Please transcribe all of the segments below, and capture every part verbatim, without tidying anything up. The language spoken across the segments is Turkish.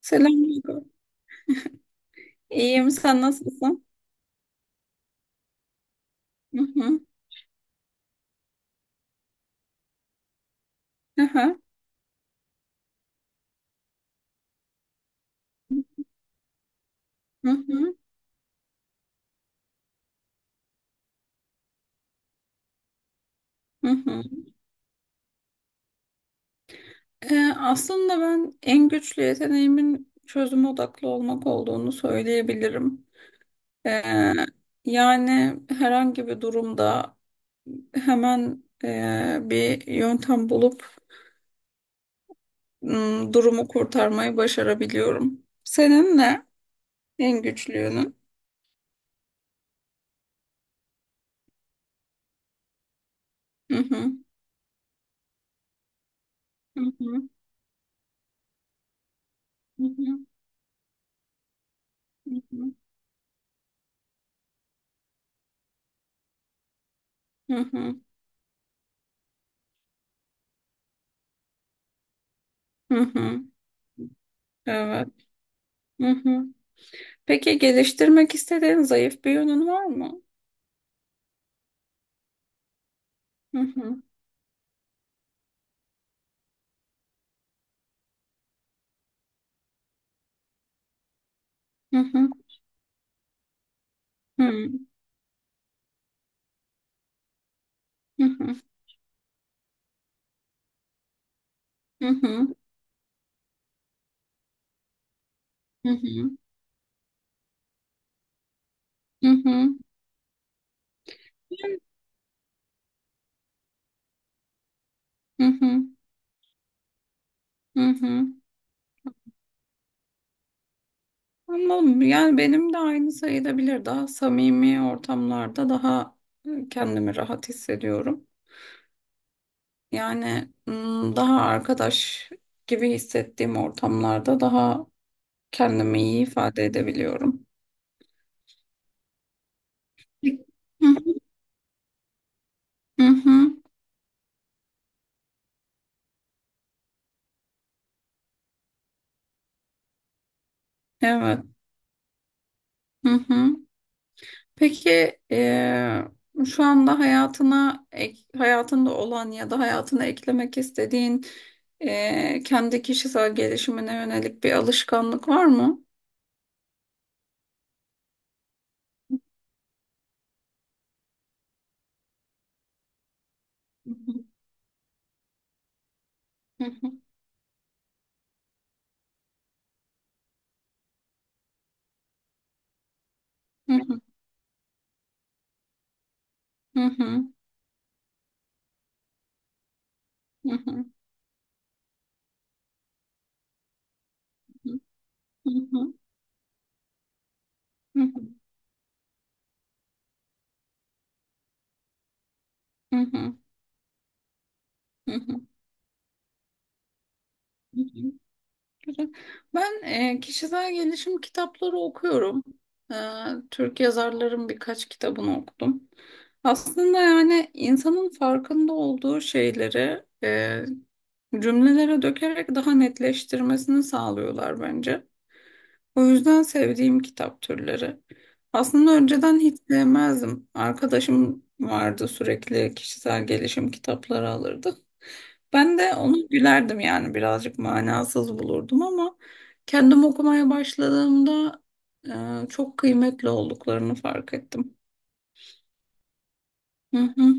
Selamünaleyküm. İyiyim, sen nasılsın? Hı hı, hı hı, hı hı, hı hı. Ee, aslında ben en güçlü yeteneğimin çözüm odaklı olmak olduğunu söyleyebilirim. Ee, yani herhangi bir durumda hemen e, bir yöntem bulup m, durumu kurtarmayı başarabiliyorum. Senin ne en güçlü yönün? Hı hı, hı hı, hı hı, hı hı, hı hı, hı hı. Evet. Peki geliştirmek istediğin zayıf bir yönün var mı? Hı hı, hı hı, hı, hı hı, hı hı, hı hı, hı hı. Hı hı, hı hı. Anladım. Yani benim de aynı sayılabilir. Daha samimi ortamlarda daha e, kendimi rahat hissediyorum. Yani m, daha arkadaş gibi hissettiğim ortamlarda daha kendimi iyi ifade edebiliyorum. Hı hı, hı hı. Evet. Hı hı. Peki eee, şu anda hayatına ek- hayatında olan ya da hayatına eklemek istediğin eee, kendi kişisel gelişimine yönelik bir alışkanlık var mı? Güzel. Ben e, kişisel gelişim kitapları okuyorum. E, Türk yazarların birkaç kitabını okudum. Aslında yani insanın farkında olduğu şeyleri e, cümlelere dökerek daha netleştirmesini sağlıyorlar bence. O yüzden sevdiğim kitap türleri. Aslında önceden hiç sevmezdim. Arkadaşım vardı, sürekli kişisel gelişim kitapları alırdı. Ben de onu gülerdim yani, birazcık manasız bulurdum ama kendim okumaya başladığımda e, çok kıymetli olduklarını fark ettim. Hı hı.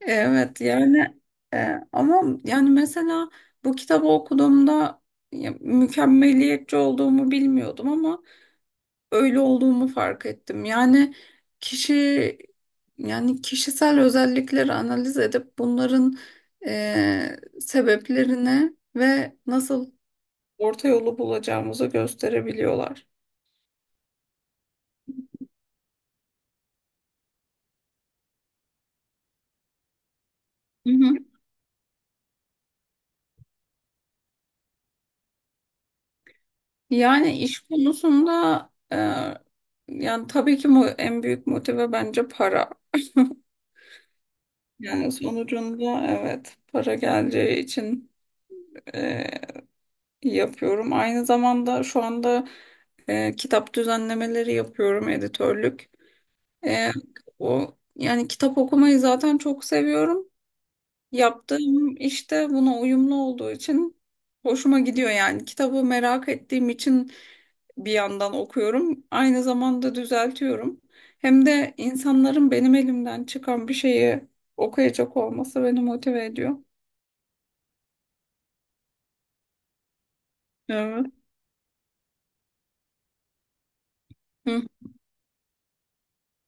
Evet yani, e, ama yani mesela bu kitabı okuduğumda, ya, mükemmeliyetçi olduğumu bilmiyordum ama öyle olduğumu fark ettim. Yani kişi yani kişisel özellikleri analiz edip bunların e, sebeplerine ve nasıl orta yolu bulacağımızı gösterebiliyorlar. Hı hı. Yani iş konusunda, e, yani tabii ki mu- en büyük motive bence para. Yani sonucunda evet, para geleceği için e, yapıyorum. Aynı zamanda şu anda e, kitap düzenlemeleri yapıyorum, editörlük. E, o yani kitap okumayı zaten çok seviyorum. Yaptığım işte buna uyumlu olduğu için hoşuma gidiyor yani. Kitabı merak ettiğim için bir yandan okuyorum. Aynı zamanda düzeltiyorum. Hem de insanların benim elimden çıkan bir şeyi okuyacak olması beni motive ediyor. Evet. Hı.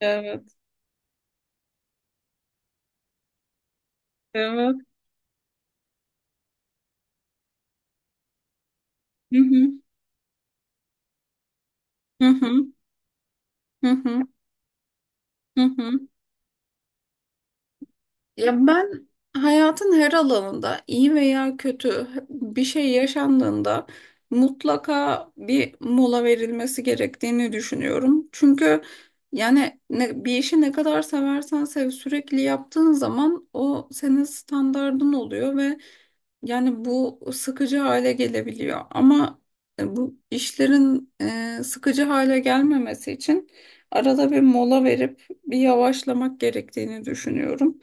Evet. Evet. Hı hı. Hı hı. Hı hı. Hı hı. Ya ben hayatın her alanında iyi veya kötü bir şey yaşandığında mutlaka bir mola verilmesi gerektiğini düşünüyorum. Çünkü yani ne- bir işi ne kadar seversen sev, sürekli yaptığın zaman o senin standardın oluyor ve yani bu sıkıcı hale gelebiliyor. Ama e, bu işlerin e, sıkıcı hale gelmemesi için arada bir mola verip bir yavaşlamak gerektiğini düşünüyorum.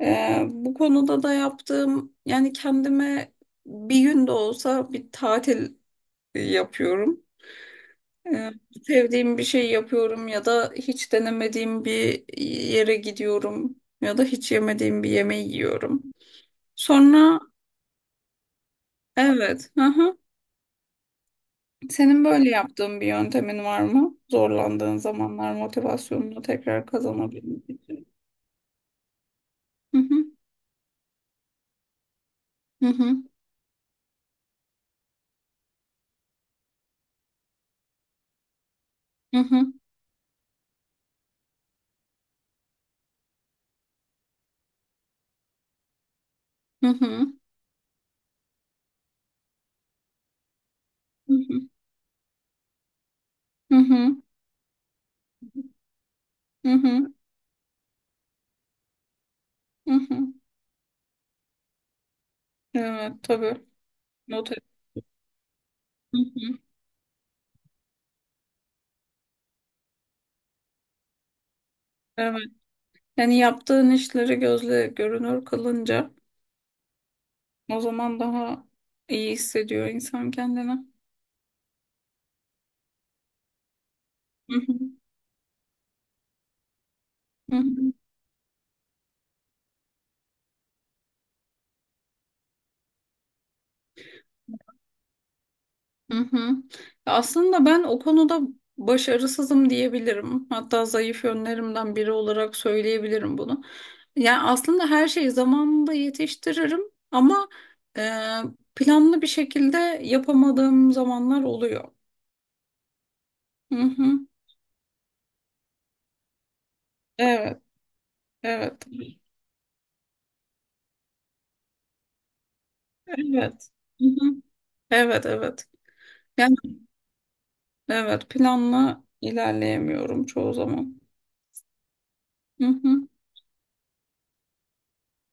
Ee, bu konuda da yaptığım, yani kendime bir gün de olsa bir tatil yapıyorum. Ee, sevdiğim bir şey yapıyorum ya da hiç denemediğim bir yere gidiyorum ya da hiç yemediğim bir yemeği yiyorum. Sonra. Evet, hı hı. Senin böyle yaptığın bir yöntemin var mı? Zorlandığın zamanlar motivasyonunu tekrar kazanabilmek için. Hı hı. Hı hı. Hı hı. Hı hı. Hı hı. Hı hı. Hı hı. Hı hı. Evet, tabii. Not et. Hı hı. Evet. Yani yaptığın işleri gözle görünür kılınca o zaman daha iyi hissediyor insan kendini. Hı hı. Hı hı. Hı hı. Ya, Aslında ben o konuda başarısızım diyebilirim. Hatta zayıf yönlerimden biri olarak söyleyebilirim bunu. Yani aslında her şeyi zamanında yetiştiririm ama e, planlı bir şekilde yapamadığım zamanlar oluyor. Hı hı. Evet, evet. Evet. Evet, evet. Yani evet, planla ilerleyemiyorum çoğu zaman. Hı hı.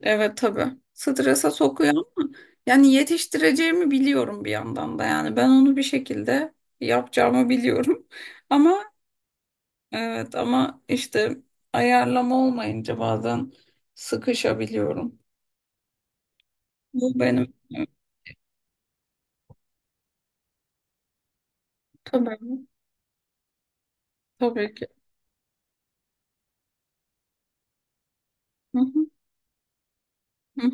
Evet, tabii. Strese sokuyor ama yani yetiştireceğimi biliyorum bir yandan da, yani ben onu bir şekilde yapacağımı biliyorum. Ama evet, ama işte ayarlama olmayınca bazen sıkışabiliyorum. Bu benim. Tabii, tabii ki. Hı hı.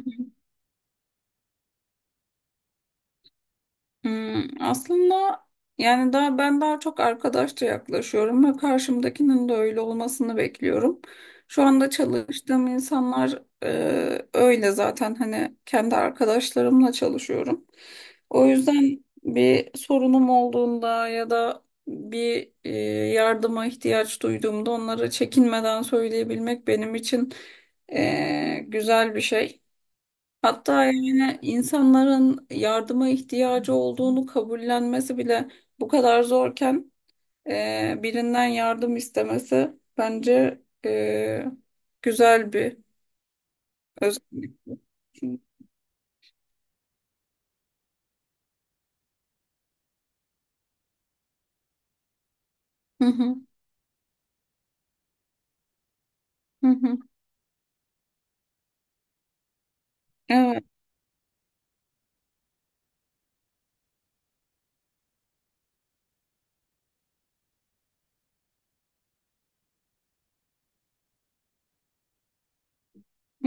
Hmm, aslında yani daha ben daha çok arkadaşça yaklaşıyorum ve karşımdakinin de öyle olmasını bekliyorum. Şu anda çalıştığım insanlar e, öyle zaten, hani kendi arkadaşlarımla çalışıyorum. O yüzden bir sorunum olduğunda ya da bir e, yardıma ihtiyaç duyduğumda onlara çekinmeden söyleyebilmek benim için e, güzel bir şey. Hatta yani insanların yardıma ihtiyacı olduğunu kabullenmesi bile bu kadar zorken e, birinden yardım istemesi bence e, güzel bir özellik. Hı hı, hı hı. Evet,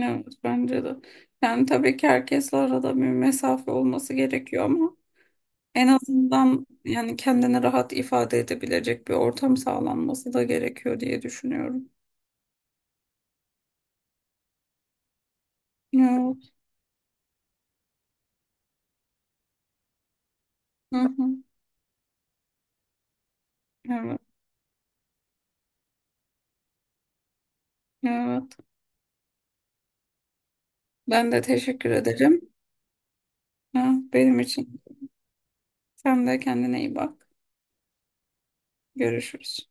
evet bence de. Yani tabii ki herkesle arada bir mesafe olması gerekiyor ama en azından yani kendini rahat ifade edebilecek bir ortam sağlanması da gerekiyor diye düşünüyorum. Evet. Hı hı. Evet. Evet. Ben de teşekkür ederim. Ha, benim için. Sen de kendine iyi bak. Görüşürüz.